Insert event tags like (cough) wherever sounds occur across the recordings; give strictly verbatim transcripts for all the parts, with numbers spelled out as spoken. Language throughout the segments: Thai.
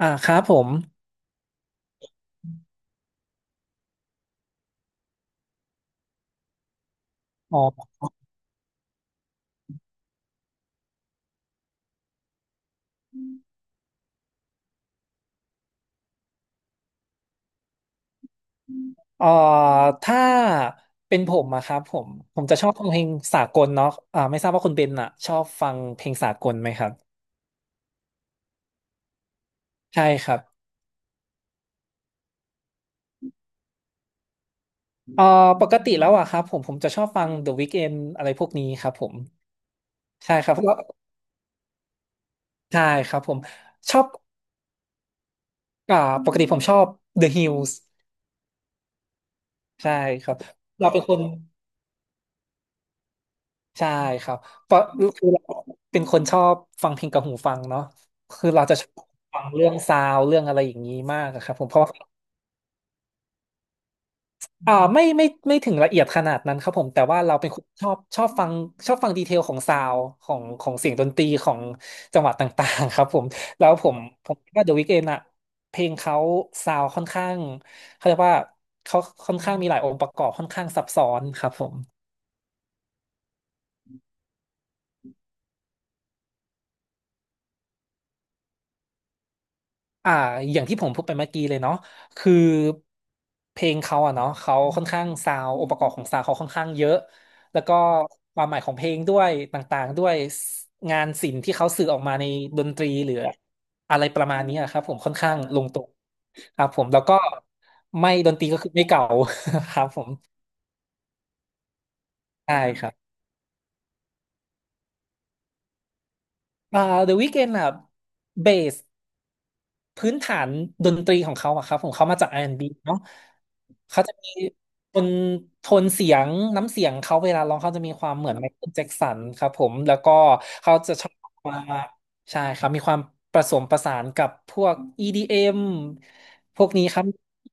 อ่าครับผมอ๋อเอ่อถ้าเป็นผมอะครับผมผมจะชอบฟังเพลงสากลเนาะอ่าไม่ทราบว่าคุณเบนอะชอบฟังเพลงสากลไหมครับใช่ครับเอ่อปกติแล้วอะครับผมผมจะชอบฟัง The Weeknd อะไรพวกนี้ครับผมใช่ครับเพราะว่าใช่ครับผมชอบอ่าปกติผมชอบ The Hills ใช่ครับเราเป็นคน ใช่ครับเพราะคือเราเป็นคนชอบฟังเพลงกับหูฟังเนาะคือเราจะชอบฟังเรื่องซาวด์เรื่องอะไรอย่างนี้มากอะครับผมเพราะว่าอ่าไม่ไม่ไม่ถึงละเอียดขนาดนั้นครับผมแต่ว่าเราเป็นคนชอบชอบฟังชอบฟังดีเทลของซาวด์ของของเสียงดนตรีของจังหวะต่างๆครับผมแล้วผมผมคิดว่า The Weeknd อะเพลงเขาซาวด์ค่อนข้างเขาเรียกว่าเขาค่อนข้างมีหลายองค์ประกอบค่อนข้างซับซ้อนครับผม อ่าอย่างที่ผมพูดไปเมื่อกี้เลยเนาะคือเพลงเขาอะเนาะเขาค่อนข้างซาวองค์ประกอบของซาวเขาค่อนข้างเยอะแล้วก็ความหมายของเพลงด้วยต่างๆด้วยงานศิลป์ที่เขาสื่อออกมาในดนตรีหรืออะไรประมาณนี้อะครับผมค่อนข้างลงตัวครับผมแล้วก็ไม่ดนตรีก็คือไม่เก่า (laughs) ครับผมใช่ครับอ่า The Weeknd อะเบส พื้นฐานดนตรีของเขาอะครับของเขามาจาก อาร์ แอนด์ บี เนาะเขาจะมีโทนโทนเสียงน้ำเสียงเขาเวลาร้องเขาจะมีความเหมือนไมเคิลแจ็กสันครับผมแล้วก็เขาจะชอบมาใช่ครับมีความผสมประสานกับพวก อี ดี เอ็ม พวกนี้ครับ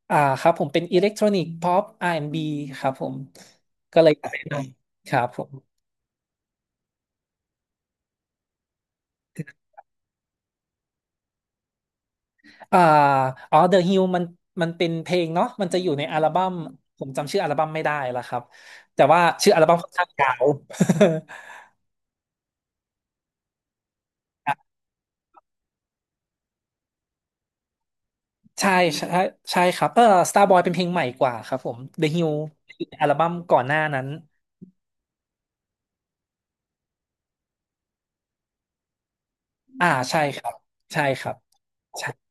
อ่าครับผมเป็นอิเล็กทรอนิกส์ p ๊อป อาร์ แอนด์ บี ครับผมก็เลยอยากแนะนำครับผม อ่าอ๋อ The Hill มันมันเป็นเพลงเนาะมันจะอยู่ในอัลบั้มผมจำชื่ออัลบั้มไม่ได้และครับแต่ว่าชื่ออัลบั้มค่อนข้างยาว (laughs) ใช่ใช่ใช่ครับเออ Starboy เป็นเพลงใหม่กว่าครับผม The Hill อยู่ในอัลบั้มก่อนหน้านั้นอ่าใช่ครับใช่ครับใช่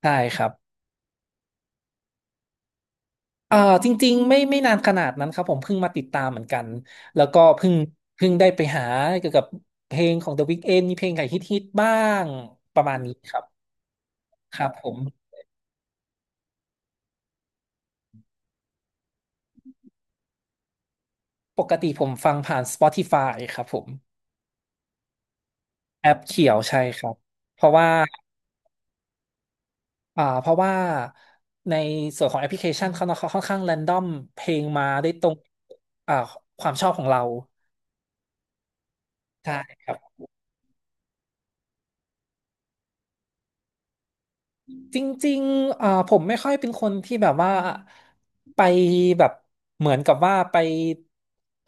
ใช่ครับเออจริงๆไม่ไม่นานขนาดนั้นครับผมเพิ่งมาติดตามเหมือนกันแล้วก็เพิ่งเพิ่งได้ไปหาเกี่ยวกับเพลงของ The Weeknd มีเพลงไหนฮิตๆบ้างประมาณนี้ครับครับผม ปกติผมฟังผ่าน Spotify ครับผมแอปเขียวใช่ครับเพราะว่าอ่าเพราะว่าในส่วนของแอปพลิเคชันเขาเขาค่อนข้างแรนดอมเพลงมาได้ตรงอ่าความชอบของเราใช่ครับ จริงๆเอ่อผมไม่ค่อยเป็นคนที่แบบว่าไปแบบเหมือนกับว่าไป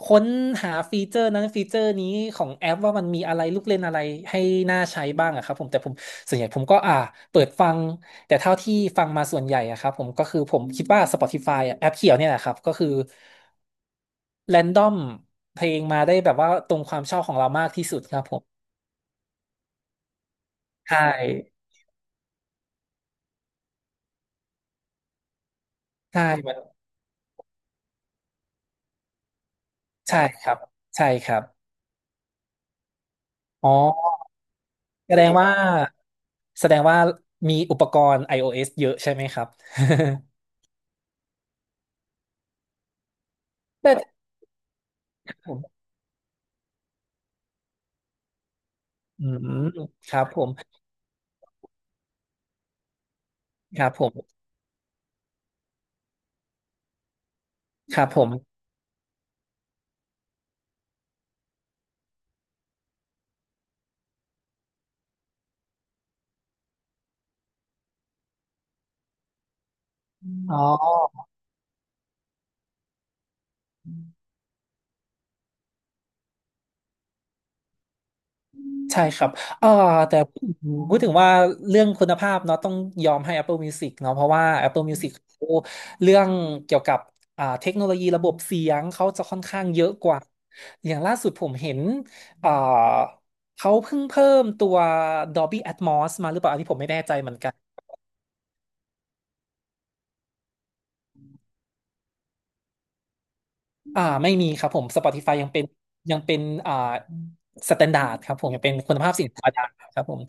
ค้นหาฟีเจอร์นั้นฟีเจอร์นี้ของแอปว่ามันมีอะไรลูกเล่นอะไรให้น่าใช้บ้างอะครับผมแต่ผมส่วนใหญ่ผมก็อ่าเปิดฟังแต่เท่าที่ฟังมาส่วนใหญ่อะครับผมก็คือผมคิดว่า Spotify อะแอปเขียวเนี่ยแหละครับก็คือแรนดอมเพลงมาได้แบบว่าตรงความชอบของเรามากที่สุดครับผมใช่ใช่มันใช่ครับใช่ครับอ๋อ แสดงว่าแสดงว่ามีอุปกรณ์ iOS เยอะใช่ไหมครับ (laughs) แต่ผมอืมครับผมครับผมครับผมอ๋อใช่ครับเอ่อแต่พูดถึงพูดถึงว่าเรื่องคุณภาพเนาะต้องยอมให้ Apple Music เนาะเพราะว่า Apple Music เขาเรื่องเกี่ยวกับอ่าเทคโนโลยีระบบเสียงเขาจะค่อนข้างเยอะกว่าอย่างล่าสุดผมเห็นอ่าเขาเพิ่งเพิ่มตัว Dolby Atmos มาหรือเปล่าอันนี้ผมไม่แน่ใจเหมือนกัน อ่าไม่มีครับผม Spotify ยังเป็นยังเป็นอ่าสแตนดาร์ดครับผมยังเป็นคุณภาพเสินค้าดังครับผม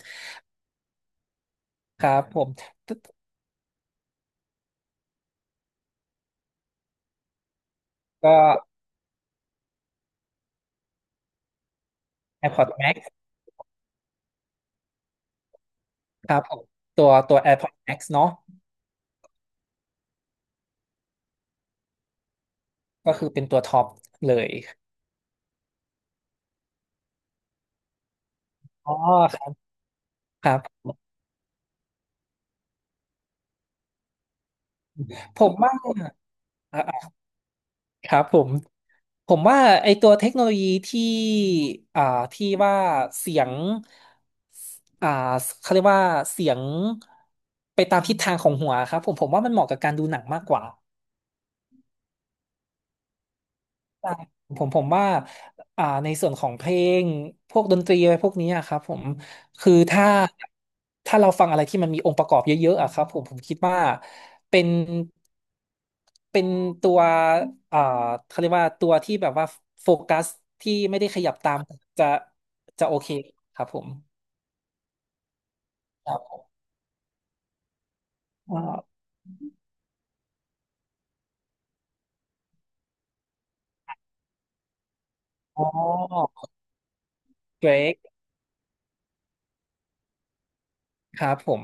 ครับผมก็ AirPods Max ครับผมตัวตัว AirPods Max เนาะก็คือเป็นตัวท็อปเลยอ๋อครับครับผมว่าอ่าอ่าครับผมผมว่าไอตัวเทคโนโลยีที่อ่าที่ว่าเสียงอ่าเขาเรียกว่าเสียงไปตามทิศทางของหัวครับผมผมว่ามันเหมาะกับการดูหนังมากกว่า ใช่ผมผมว่าอ่าในส่วนของเพลงพวกดนตรีอะไรพวกนี้อะครับผมคือถ้าถ้าเราฟังอะไรที่มันมีองค์ประกอบเยอะๆอะครับผมผมคิดว่าเป็นเป็นตัวอ่าเขาเรียกว่าตัวที่แบบว่าโฟกัสที่ไม่ได้ขยับตามจะจะโอเคครับผมครับอ่าอ๋อเบรกครับผม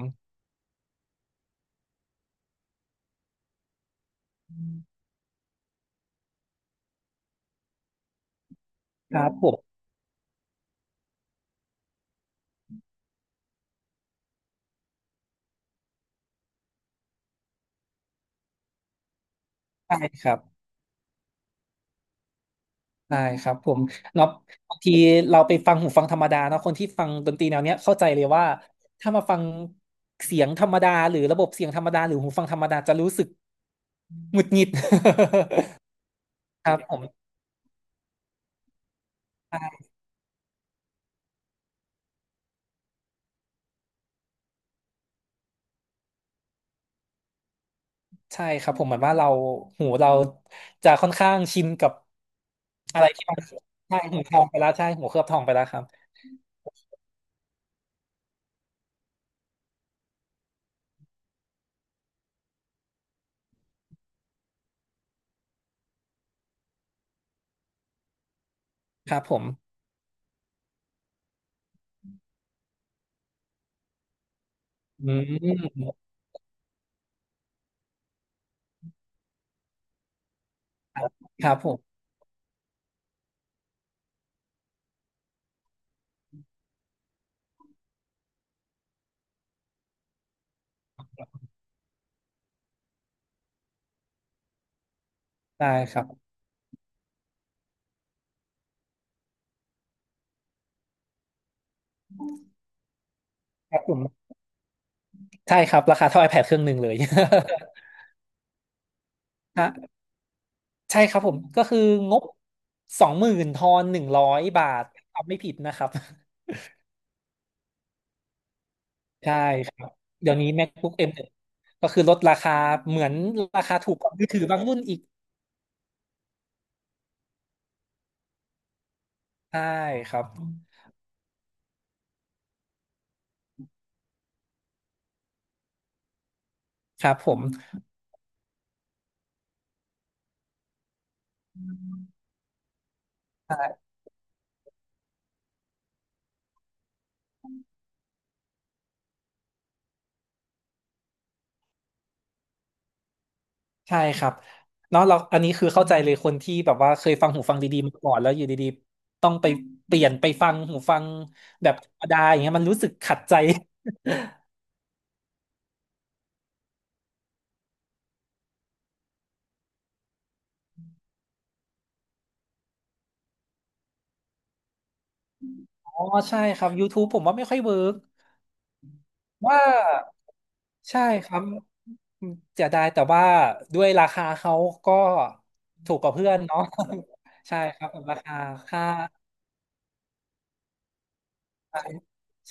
ครับผมใช่ครับ ได้ครับผมเนาะบางทีเราไปฟังหูฟังธรรมดาเนาะคนที่ฟังดนตรีแนวเนี้ยเข้าใจเลยว่าถ้ามาฟังเสียงธรรมดาหรือระบบเสียงธรรมดาหรือหูฟังธรรมดาจะรู้สึกหงุดหงิด (laughs) ครับผมใช่ใช่ครับผมเหมือนว่าเราหูเราจะค่อนข้างชินกับอะไรที่มันใช่หูทองไปแล้วใช่หูเคลือบทองไปแล้วครับครับผมอืมครับครับผมได้ครับครับผมใช่ครับราคาเท่า iPad เครื่องหนึ่งเลย (laughs) ฮะ ใช่ครับผมก็คืองบสองหมื่นทอนหนึ่งร้อยบาททำไม่ผิดนะครับ (laughs) ใช่ครับเดี๋ยวนี้ MacBook เอ็ม วัน ก็คือลดราคาเหมือนราคาถูกกว่ามือถือบางรุ่นอีกใช่ครับครับผมใช่ใช่ครับเนาะเราอันนี้คือเข้าใจเลยคนที่แบบว่าเคยฟังหูฟังดีๆมาก่อนแล้วอยู่ดีๆต้องไปเปลี่ยนไปฟังหูฟังแบบธรรมดาอย่างเงี้ยมันรู้สึกขัดใจ (laughs) อ๋อใช่ครับ YouTube ผมว่าไม่ค่อยเวิร์กว่า ใช่ครับเสียดายแต่ว่าด้วยราคาเขาก็ถูกกว่าเพื่อนเนาะ (laughs) ใช่ครับราคาค่า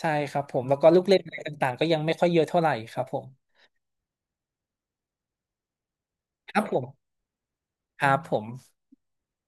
ใช่ครับผมแล้วก็ลูกเล่นอะไรต่างๆก็ยังไม่ค่อยเยอะเท่าไหร่ครับผมครับผมครับผม